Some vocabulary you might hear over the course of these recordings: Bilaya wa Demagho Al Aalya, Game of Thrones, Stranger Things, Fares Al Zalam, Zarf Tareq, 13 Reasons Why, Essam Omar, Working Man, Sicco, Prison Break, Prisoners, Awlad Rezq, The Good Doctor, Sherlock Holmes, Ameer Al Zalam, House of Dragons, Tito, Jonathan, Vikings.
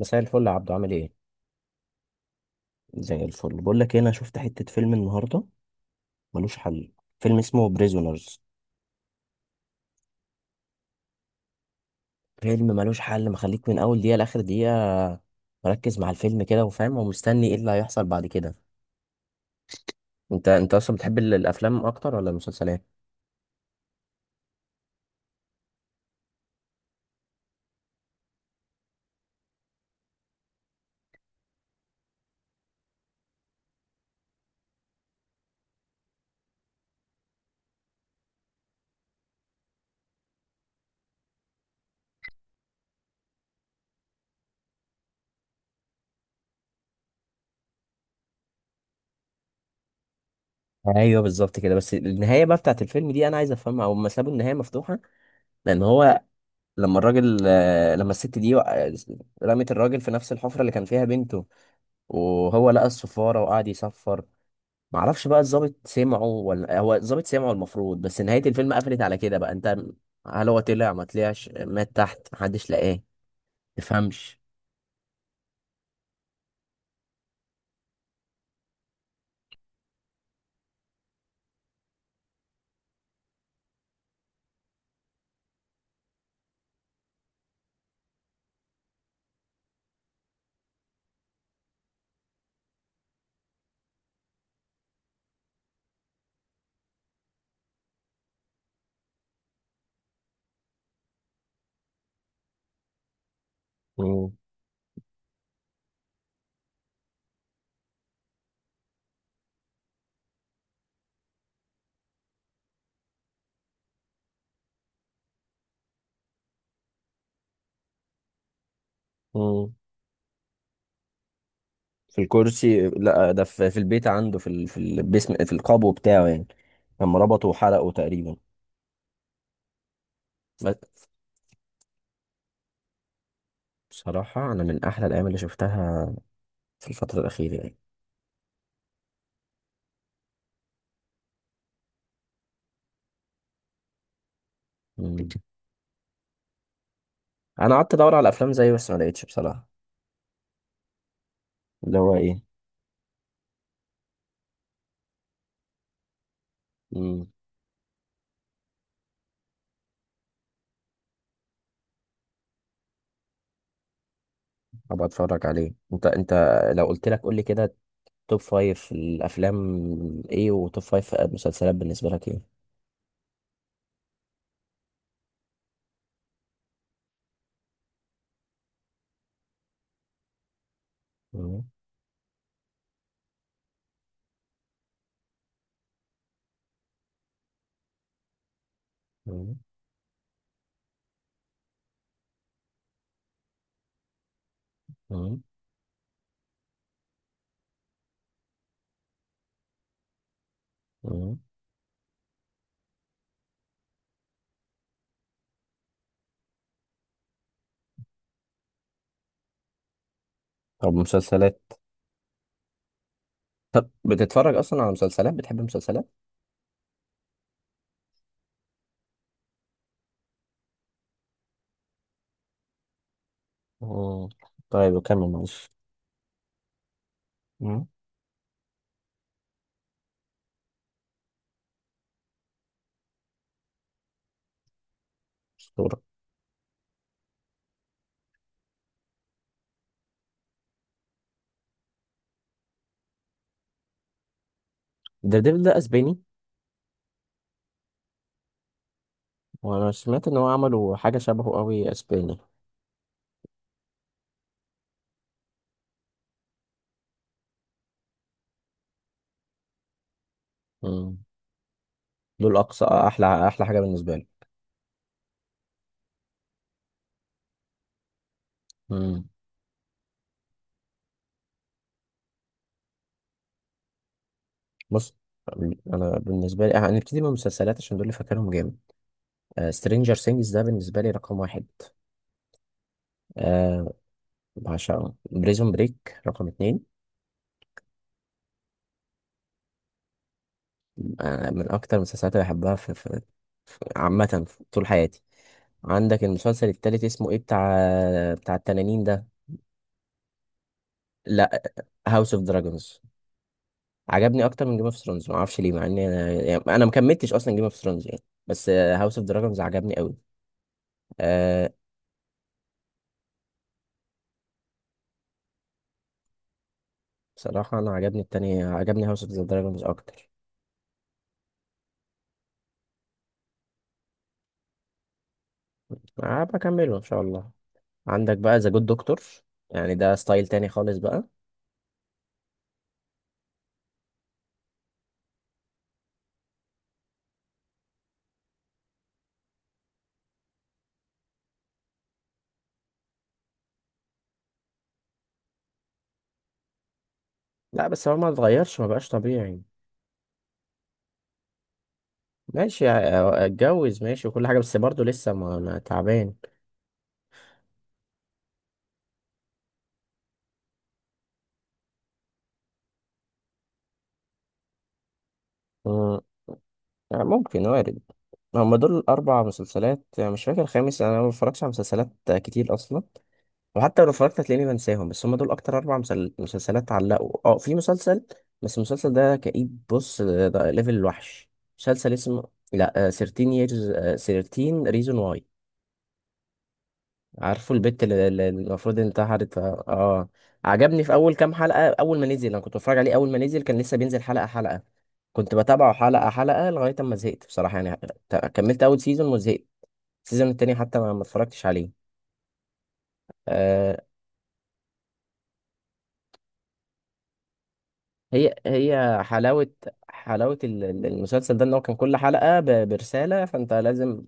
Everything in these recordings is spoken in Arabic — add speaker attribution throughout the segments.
Speaker 1: مساء الفل يا عبدو، عامل ايه؟ زي الفل. بقول لك إيه، انا شفت حتة فيلم النهاردة، ملوش حل. فيلم اسمه بريزونرز. فيلم ملوش حل، مخليك من اول دقيقة لاخر دقيقة، مركز مع الفيلم كده وفاهم ومستني ايه اللي هيحصل بعد كده. انت اصلا بتحب الافلام اكتر ولا المسلسلات؟ ايوه بالظبط كده، بس النهايه بقى بتاعت الفيلم دي انا عايز افهمها، او ما سابوا النهايه مفتوحه، لان هو لما الراجل لما الست دي رمت الراجل في نفس الحفره اللي كان فيها بنته، وهو لقى الصفاره وقعد يصفر. معرفش بقى الضابط سمعه ولا هو الضابط سمعه المفروض، بس نهاية الفيلم قفلت على كده. بقى انت، هل هو طلع ما طلعش، مات تحت، محدش لقاه؟ تفهمش. مم. مم. في الكرسي؟ لا، ده في, البيت عنده، في في البسم، في القبو بتاعه يعني، لما ربطه وحرقه تقريبا. بس بصراحة أنا من أحلى الأيام اللي شفتها في الفترة الأخيرة يعني. مم. أنا قعدت أدور على أفلام زيه بس ما لقيتش بصراحة. اللي هو ايه؟ مم. أبقى أتفرج عليه. أنت لو قلت لك قول لي كده، توب فايف الافلام ايه، وتوب فايف مسلسلات بالنسبه لك ايه؟ مم. مم. مم. مم. طب مسلسلات؟ طب بتتفرج اصلا على مسلسلات؟ بتحب مسلسلات؟ مم. طيب وكمل معلش. مم. اسطوره. ديفل ده اسباني؟ وانا سمعت ان هو عملوا حاجه شبهه قوي اسباني. مم. دول اقصى احلى احلى حاجه بالنسبه لي. مم. بص، انا بالنسبه لي هنبتدي من المسلسلات عشان دول اللي فاكرهم جامد. سترينجر سينجز ده بالنسبه لي رقم واحد. آه، بعشقه. بريزون بريك رقم اتنين. من أكتر المسلسلات اللي بحبها عامة في طول حياتي. عندك المسلسل التالت اسمه ايه، بتاع التنانين ده؟ لا، هاوس اوف دراجونز عجبني أكتر من جيم اوف ثرونز، معرفش ليه، مع إني أنا يعني أنا مكملتش أصلا جيم اوف ثرونز يعني، بس هاوس اوف دراجونز عجبني أوي. أه، بصراحة أنا عجبني التاني، عجبني هاوس اوف دراجونز أكتر. أه، بكمله إن شاء الله. عندك بقى ذا جود دكتور، يعني ده ستايل تاني خالص بقى. لا بس هو ما اتغيرش، ما بقاش طبيعي. ماشي اتجوز، ماشي، وكل حاجة، بس برضه لسه ما تعبان. مم. يعني ممكن، وارد. هما دول الأربع مسلسلات، يعني مش فاكر الخامس. أنا ما بتفرجش على مسلسلات كتير أصلا، وحتى لو اتفرجت هتلاقيني بنساهم. بس هما دول أكتر أربع مسلسلات علقوا. في مسلسل، بس المسلسل ده كئيب، بص، ده ليفل الوحش. مسلسل اسمه لا، 13 years، 13 reason why. عارفه البت اللي المفروض انتحرت، اه آه. عجبني في اول كام حلقه، اول ما نزل انا كنت بتفرج عليه، اول ما نزل كان لسه بينزل حلقه حلقه، كنت بتابعه حلقه حلقه لغايه اما زهقت بصراحه يعني. كملت اول سيزون وزهقت، السيزون التاني حتى ما اتفرجتش عليه. آه. هي حلاوه، حلاوه المسلسل ده ان هو كان كل حلقه برساله، فانت لازم.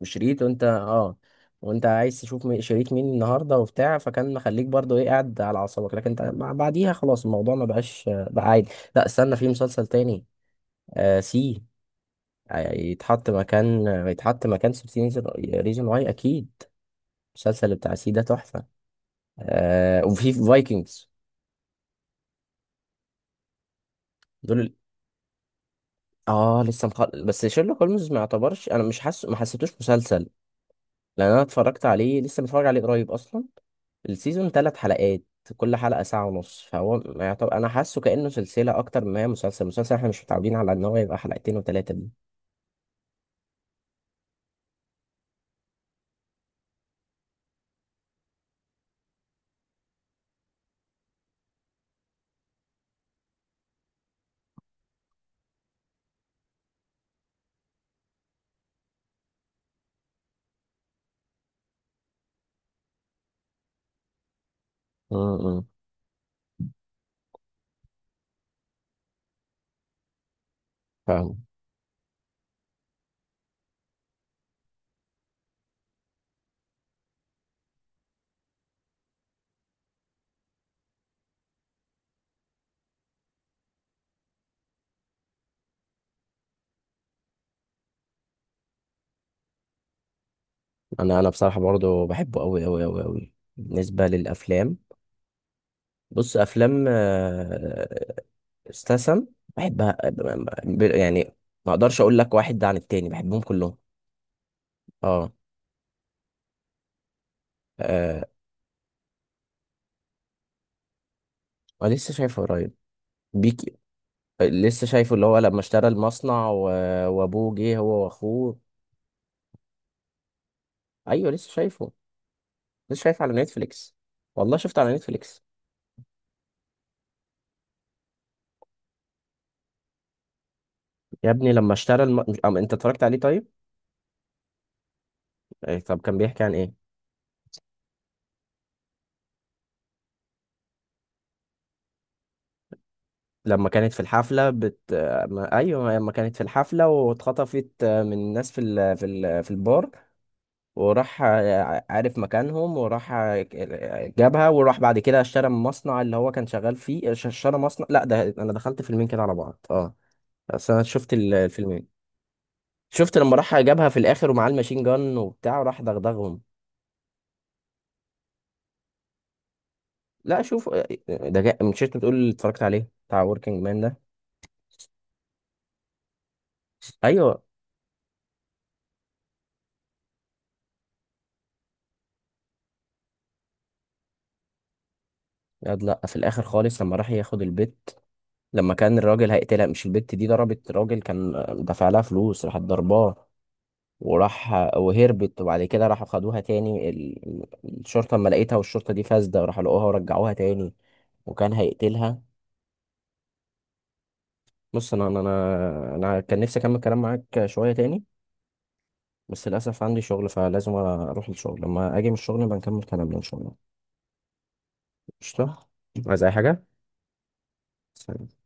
Speaker 1: وشريط، وانت اه، وانت عايز تشوف شريط مين النهارده وبتاع، فكان مخليك برضو ايه، قاعد على اعصابك. لكن انت بعديها خلاص الموضوع ما بقاش بقى عادي. لا استنى، في مسلسل تاني، آه سي. يتحط مكان 16 ريزون واي اكيد. المسلسل بتاع سي ده تحفه. آه، وفي فايكنجز. دول ال- اه لسه بس شيرلوك هولمز ما يعتبرش، انا مش حاسه، ما حسيتوش مسلسل، لان انا اتفرجت عليه لسه، متفرج عليه قريب اصلا. السيزون ثلاث حلقات، كل حلقة ساعة ونص، فهو يعتبر أنا حاسه كأنه سلسلة أكتر ما هي مسلسل. مسلسل إحنا مش متعودين على إن هو يبقى حلقتين وتلاتة دي. امم، فاهم. أنا بصراحة برضه بحبه أوي أوي أوي أوي، بالنسبة للأفلام. بص، أفلام استسم، بحبها، يعني ما أقدرش أقول لك واحد ده عن التاني، بحبهم كلهم. أه. آه، أنا لسه شايفه قريب. بيك لسه شايفه، اللي هو لما اشترى المصنع وابوه جه هو واخوه. ايوه لسه شايفه، لسه شايفه على نتفليكس. والله شفته على نتفليكس. يا ابني لما اشترى الم... مش- أم... انت اتفرجت عليه طيب؟ إيه، طب كان بيحكي عن ايه؟ لما كانت في الحفله ما... ايوه لما كانت في الحفله واتخطفت من الناس في البار، وراح عارف مكانهم، وراح جابها، وراح بعد كده اشترى من المصنع اللي هو كان شغال فيه، اشترى مصنع. لا ده انا دخلت فيلمين كده على بعض، اه، اصل انا شفت الفيلمين. شفت لما راح جابها في الاخر ومعاه الماشين جان وبتاع، وراح دغدغهم. لا شوف، ده جاء من شركة، بتقول اتفرجت عليه بتاع وركينج مان ده. ايوه. لا لا، في الاخر خالص لما راح ياخد البت، لما كان الراجل هيقتلها، مش البت دي ضربت راجل كان دافع لها فلوس، راحت ضرباه، وراح وهربت، وبعد كده راحوا خدوها تاني الشرطة اما لقيتها، والشرطة دي فاسدة، راحوا لقوها ورجعوها تاني وكان هيقتلها. بص، انا أنا كان نفسي اكمل كلام معاك شوية تاني، بس للأسف عندي شغل، فلازم أروح الشغل، لما أجي من الشغل بنكمل كلامنا إن شاء الله. قشطة. عايز اي حاجه؟ سلام.